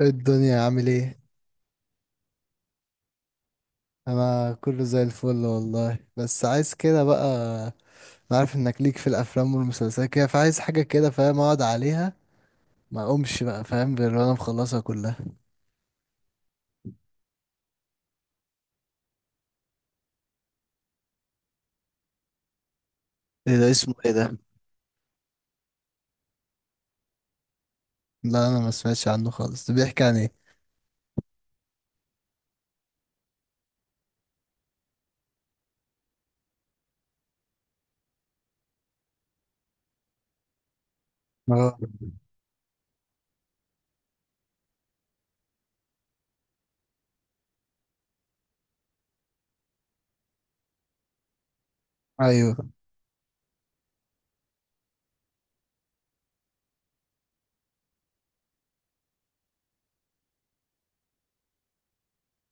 إيه الدنيا عامل ايه؟ انا كله زي الفل والله، بس عايز كده بقى. انا عارف انك ليك في الافلام والمسلسلات كده، فعايز حاجه كده فاهم اقعد عليها، ما اقومش بقى فاهم غير وانا مخلصها كلها. ايه ده؟ اسمه ايه ده؟ لا انا ما سمعتش عنه خالص، ده بيحكي عن ايه؟ اه، ايوه.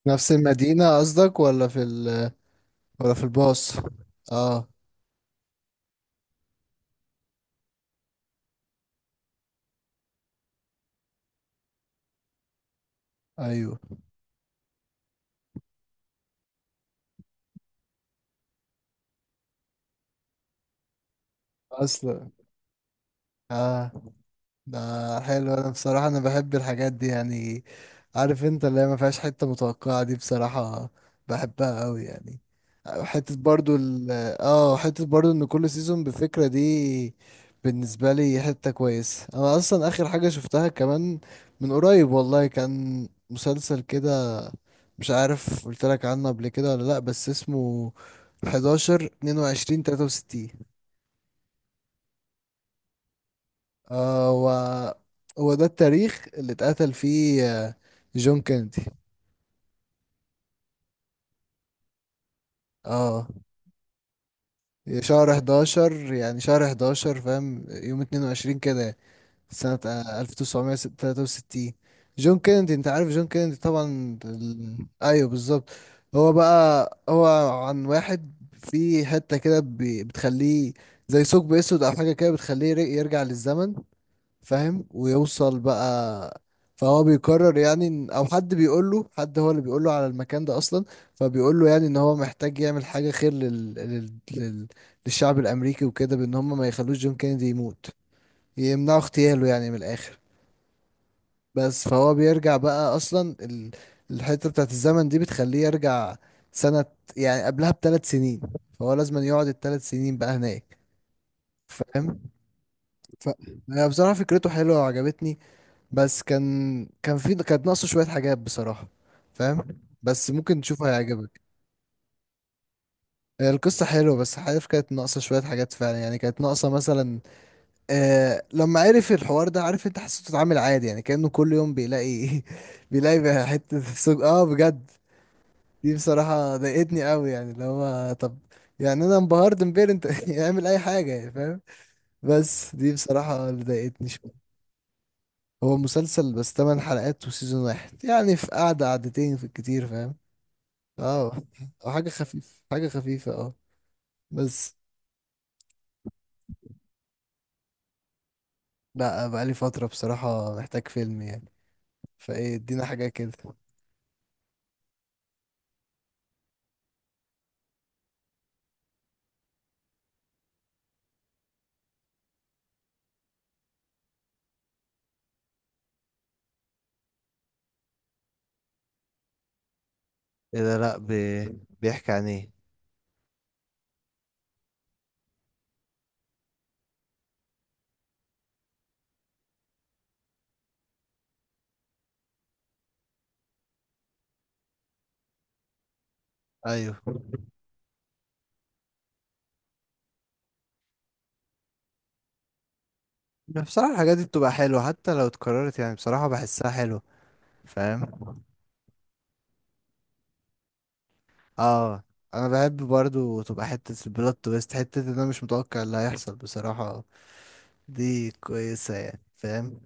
نفس المدينه قصدك ولا في الباص؟ اه. ايوه. اصلا. اه. ده حلو، انا بصراحة انا بحب الحاجات دي يعني. عارف انت اللي هي ما فيهاش حتة متوقعة دي بصراحة، بحبها قوي يعني. حتة برضو ال اه، حتة برضو ان كل سيزون بفكرة دي، بالنسبة لي حتة كويسة. انا اصلا اخر حاجة شفتها كمان من قريب والله، كان مسلسل كده، مش عارف قلت لك عنه قبل كده ولا لا، بس اسمه 11 22 63. آه و... هو ده التاريخ اللي اتقتل فيه جون كينيدي. اه، شهر 11 يعني، شهر 11 فاهم، يوم 22 كده، سنة 1963. جون كينيدي، انت عارف جون كينيدي طبعا ايوه، بالظبط. هو بقى عن واحد في حتة كده بتخليه زي ثقب اسود او حاجة كده، بتخليه يرجع للزمن فاهم، ويوصل بقى. فهو بيقرر يعني او حد بيقول له، حد هو اللي بيقول له على المكان ده اصلا، فبيقول له يعني ان هو محتاج يعمل حاجه خير للشعب الامريكي وكده، بان هم ما يخلوش جون كينيدي يموت، يمنعوا اغتياله يعني من الاخر. بس فهو بيرجع بقى اصلا الحته بتاعت الزمن دي بتخليه يرجع سنه، يعني قبلها بثلاث سنين، فهو لازم يقعد الثلاث سنين بقى هناك فاهم. ف... هي بصراحه فكرته حلوه وعجبتني، بس كانت ناقصه شوية حاجات بصراحة فاهم، بس ممكن تشوفها هيعجبك. القصة حلوة، بس عارف كانت ناقصة شوية حاجات فعلا، يعني كانت ناقصة مثلا، آه لما عرف الحوار ده عارف انت، حسيته اتعامل عادي يعني، كأنه كل يوم بيلاقي بيلاقي بقى حتة سوق اه بجد. دي بصراحة ضايقتني قوي يعني، اللي هو طب، يعني انا انبهرت امبارح انت يعمل اي حاجة يعني فاهم. بس دي بصراحة اللي ضايقتني شوية. هو مسلسل بس 8 حلقات وسيزون واحد، يعني في قعدة قعدتين في الكتير فاهم. اه. أو حاجة خفيفة، حاجة خفيفة اه. بس. لا بقالي فترة بصراحة، محتاج فيلم يعني، فايه ادينا حاجة كده. ايه ده؟ لا بي... بيحكي عن ايه؟ ايوه. بصراحة الحاجات دي بتبقى حلوة حتى لو اتكررت، يعني بصراحة بحسها حلوة فاهم. اه، انا بحب برضو تبقى حتة البلوت تويست، حتة ان انا مش متوقع اللي هيحصل بصراحة، دي كويسة يعني فاهم.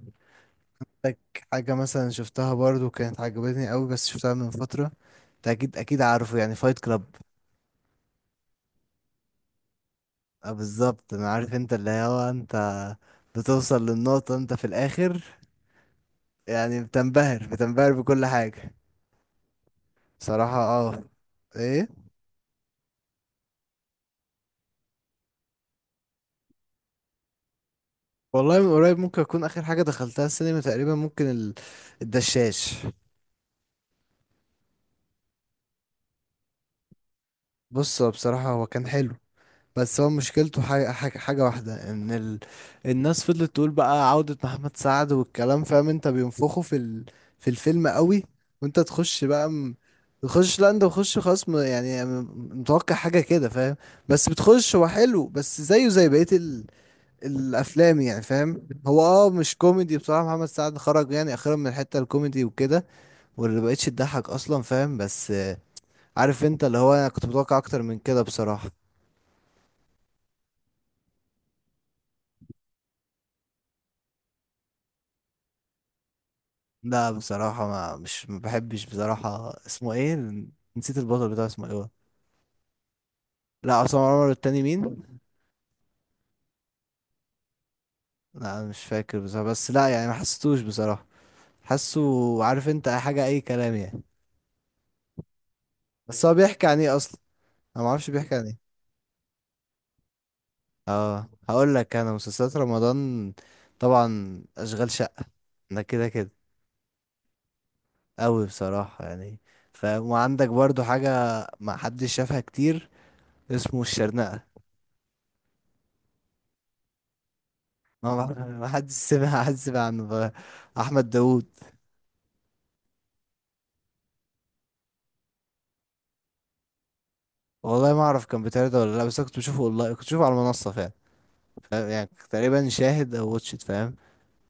لك حاجة مثلا شفتها برضو كانت عجبتني قوي، بس شفتها من فترة. انت اكيد اكيد عارفه، يعني فايت كلاب. اه، بالظبط، انا عارف انت اللي هو انت بتوصل للنقطة انت في الاخر، يعني بتنبهر، بتنبهر بكل حاجة. صراحة اه. ايه والله من قريب، ممكن اكون اخر حاجة دخلتها السينما تقريبا، ممكن الدشاش. بص هو بصراحة هو كان حلو، بس هو مشكلته حاجة واحدة ان الناس فضلت تقول بقى عودة محمد سعد والكلام، فاهم انت بينفخوا في في الفيلم قوي، وانت تخش بقى تخش، لا انت بتخش خلاص متوقع حاجة كده فاهم. بس بتخش، هو حلو بس زيه زي بقية الافلام يعني فاهم. هو اه مش كوميدي بصراحة، محمد سعد خرج يعني اخيرا من الحتة الكوميدي وكده، واللي مبقتش تضحك اصلا فاهم، بس عارف انت اللي هو انا كنت متوقع اكتر من كده بصراحة. لا بصراحة ما بحبش بصراحة، اسمه ايه؟ نسيت البطل بتاعه اسمه ايه هو. لا عصام عمر التاني مين؟ لا أنا مش فاكر بصراحة، بس لا يعني ما حسيتوش بصراحة. حاسه. عارف انت أي حاجة اي كلام يعني. بس هو بيحكي عن ايه اصلا؟ انا ما اعرفش بيحكي عن ايه. اه هقول لك، انا مسلسلات رمضان طبعا اشغال شقة ده كده كده، قوي بصراحة يعني فاهم. وعندك برضو حاجة ما حدش شافها كتير، اسمه الشرنقة. ما حد سمع حد سمع عنه بقى. احمد داوود. والله ما اعرف كان بيتعرض ولا لا، بس أنا كنت بشوفه، والله كنت بشوفه على المنصه فعلا فاهم؟ يعني كنت تقريبا شاهد او واتشت فاهم.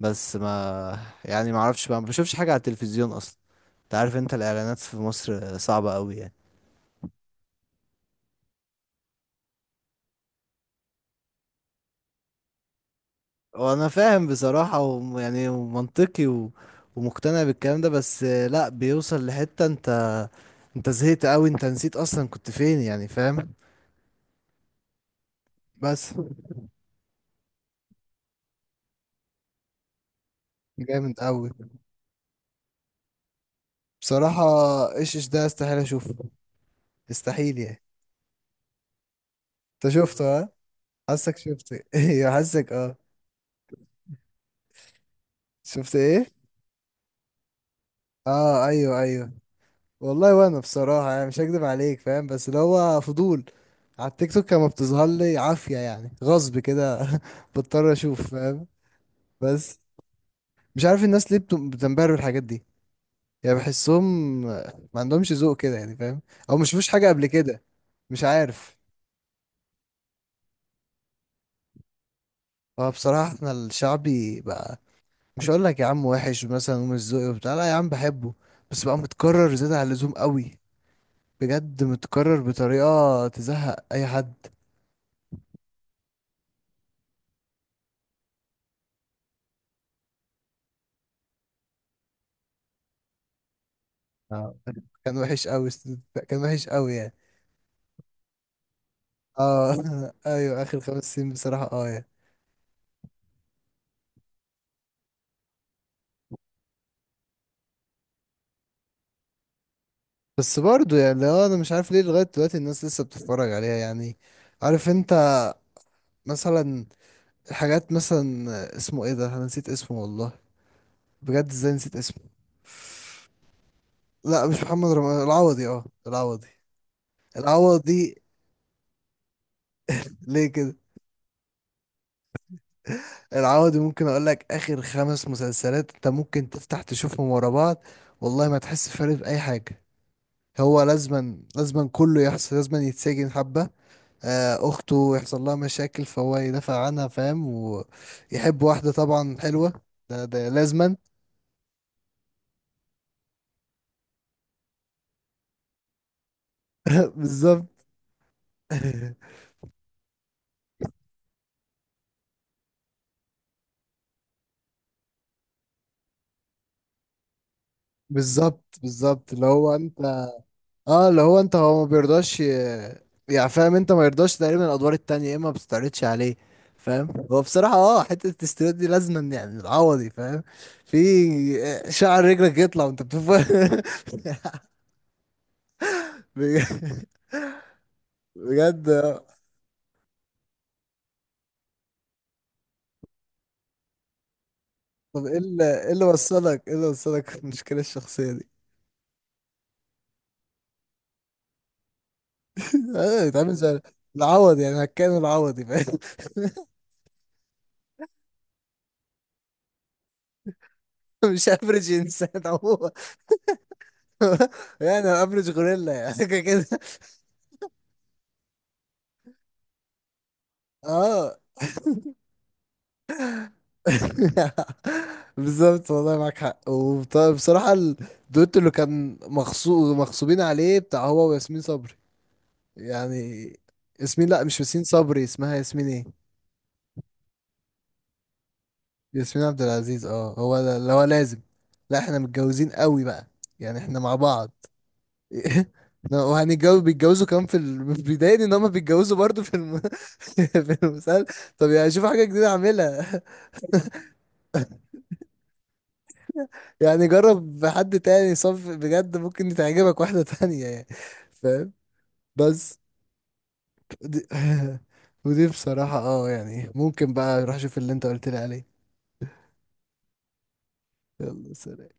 بس ما، يعني ما اعرفش بقى، ما بشوفش حاجه على التلفزيون اصلا، انت عارف انت الاعلانات في مصر صعبه قوي يعني. وانا فاهم بصراحه، ويعني منطقي ومقتنع بالكلام ده، بس لا بيوصل لحته انت، انت زهقت قوي، انت نسيت اصلا كنت فين يعني فاهم. بس. جامد قوي بصراحة. ايش ده؟ استحيل اشوفه، استحيل يعني. انت شفته ها، حاسك شفته ايوه حاسك اه. شفت ايه؟ اه ايوه، ايوه. والله وانا بصراحة يعني مش هكدب عليك فاهم، بس اللي هو فضول، على التيك توك كان بتظهر لي عافية يعني، غصب كده بضطر اشوف فاهم. بس، مش عارف الناس ليه بتنبهر بالحاجات دي يعني، بحسهم ما عندهمش ذوق كده يعني فاهم، او مش شافوش حاجة قبل كده، مش عارف. هو بصراحة احنا الشعبي بقى، مش هقول لك يا عم وحش مثلا ومش ذوقي وبتاع، لا يا عم بحبه، بس بقى متكرر زيادة عن اللزوم قوي، بجد متكرر بطريقة تزهق اي حد. آه. كان وحش قوي، كان وحش قوي يعني. اه ايوه اخر خمس سنين بصراحة اه يعني. بس برضه، يعني لو انا مش عارف ليه لغاية دلوقتي الناس لسه بتتفرج عليها يعني، عارف انت، مثلا الحاجات مثلا اسمه ايه ده، انا نسيت اسمه والله، بجد ازاي نسيت اسمه. لا مش محمد رمضان، العوضي، اه العوضي. العوضي. ليه كده؟ العوضي ممكن اقول لك اخر خمس مسلسلات انت ممكن تفتح تشوفهم ورا بعض، والله ما تحس فرق في اي حاجه. هو لازما كله يحصل، لازما يتسجن حبه اخته يحصل لها مشاكل فهو يدافع عنها فاهم، ويحب واحده طبعا حلوه، ده ده لازما. بالظبط. بالظبط، بالظبط اللي هو انت، اه اللي هو انت هو ما يعني فاهم انت ما يرضاش تقريبا الادوار التانية، يا اما ما بتستعرضش عليه فاهم. هو بصراحة اه حتة التستيرات دي لازما يعني العوضي فاهم. في شعر رجلك يطلع وانت بتفهم بجد. بجد. آه. طب ايه اللي وصلك ايه اللي وصلك في المشكلة الشخصية دي؟ اه بيتعامل زي العوض يعني، هكان العوضي فاهم. مش افرج انسان هو. يعني افرج غوريلا يعني كده. اه بالظبط، والله معاك حق. وبصراحة الدويتو اللي كان مغصوبين عليه بتاع هو وياسمين صبري يعني، ياسمين لا مش ياسمين صبري، اسمها ياسمين ايه؟ ياسمين عبد العزيز، اه هو ده اللي هو لازم، لا احنا متجوزين قوي بقى، يعني احنا مع بعض وهنتجوز، بيتجوزوا كمان في بيضايقني ان هم بيتجوزوا برضه في في المسلسل، طب يعني شوف حاجة جديدة اعملها يعني جرب حد تاني صف بجد، ممكن تعجبك واحدة تانية يعني فاهم. بس دي، ودي بصراحة اه يعني، ممكن بقى روح شوف اللي انت قلت لي عليه. يلا سلام.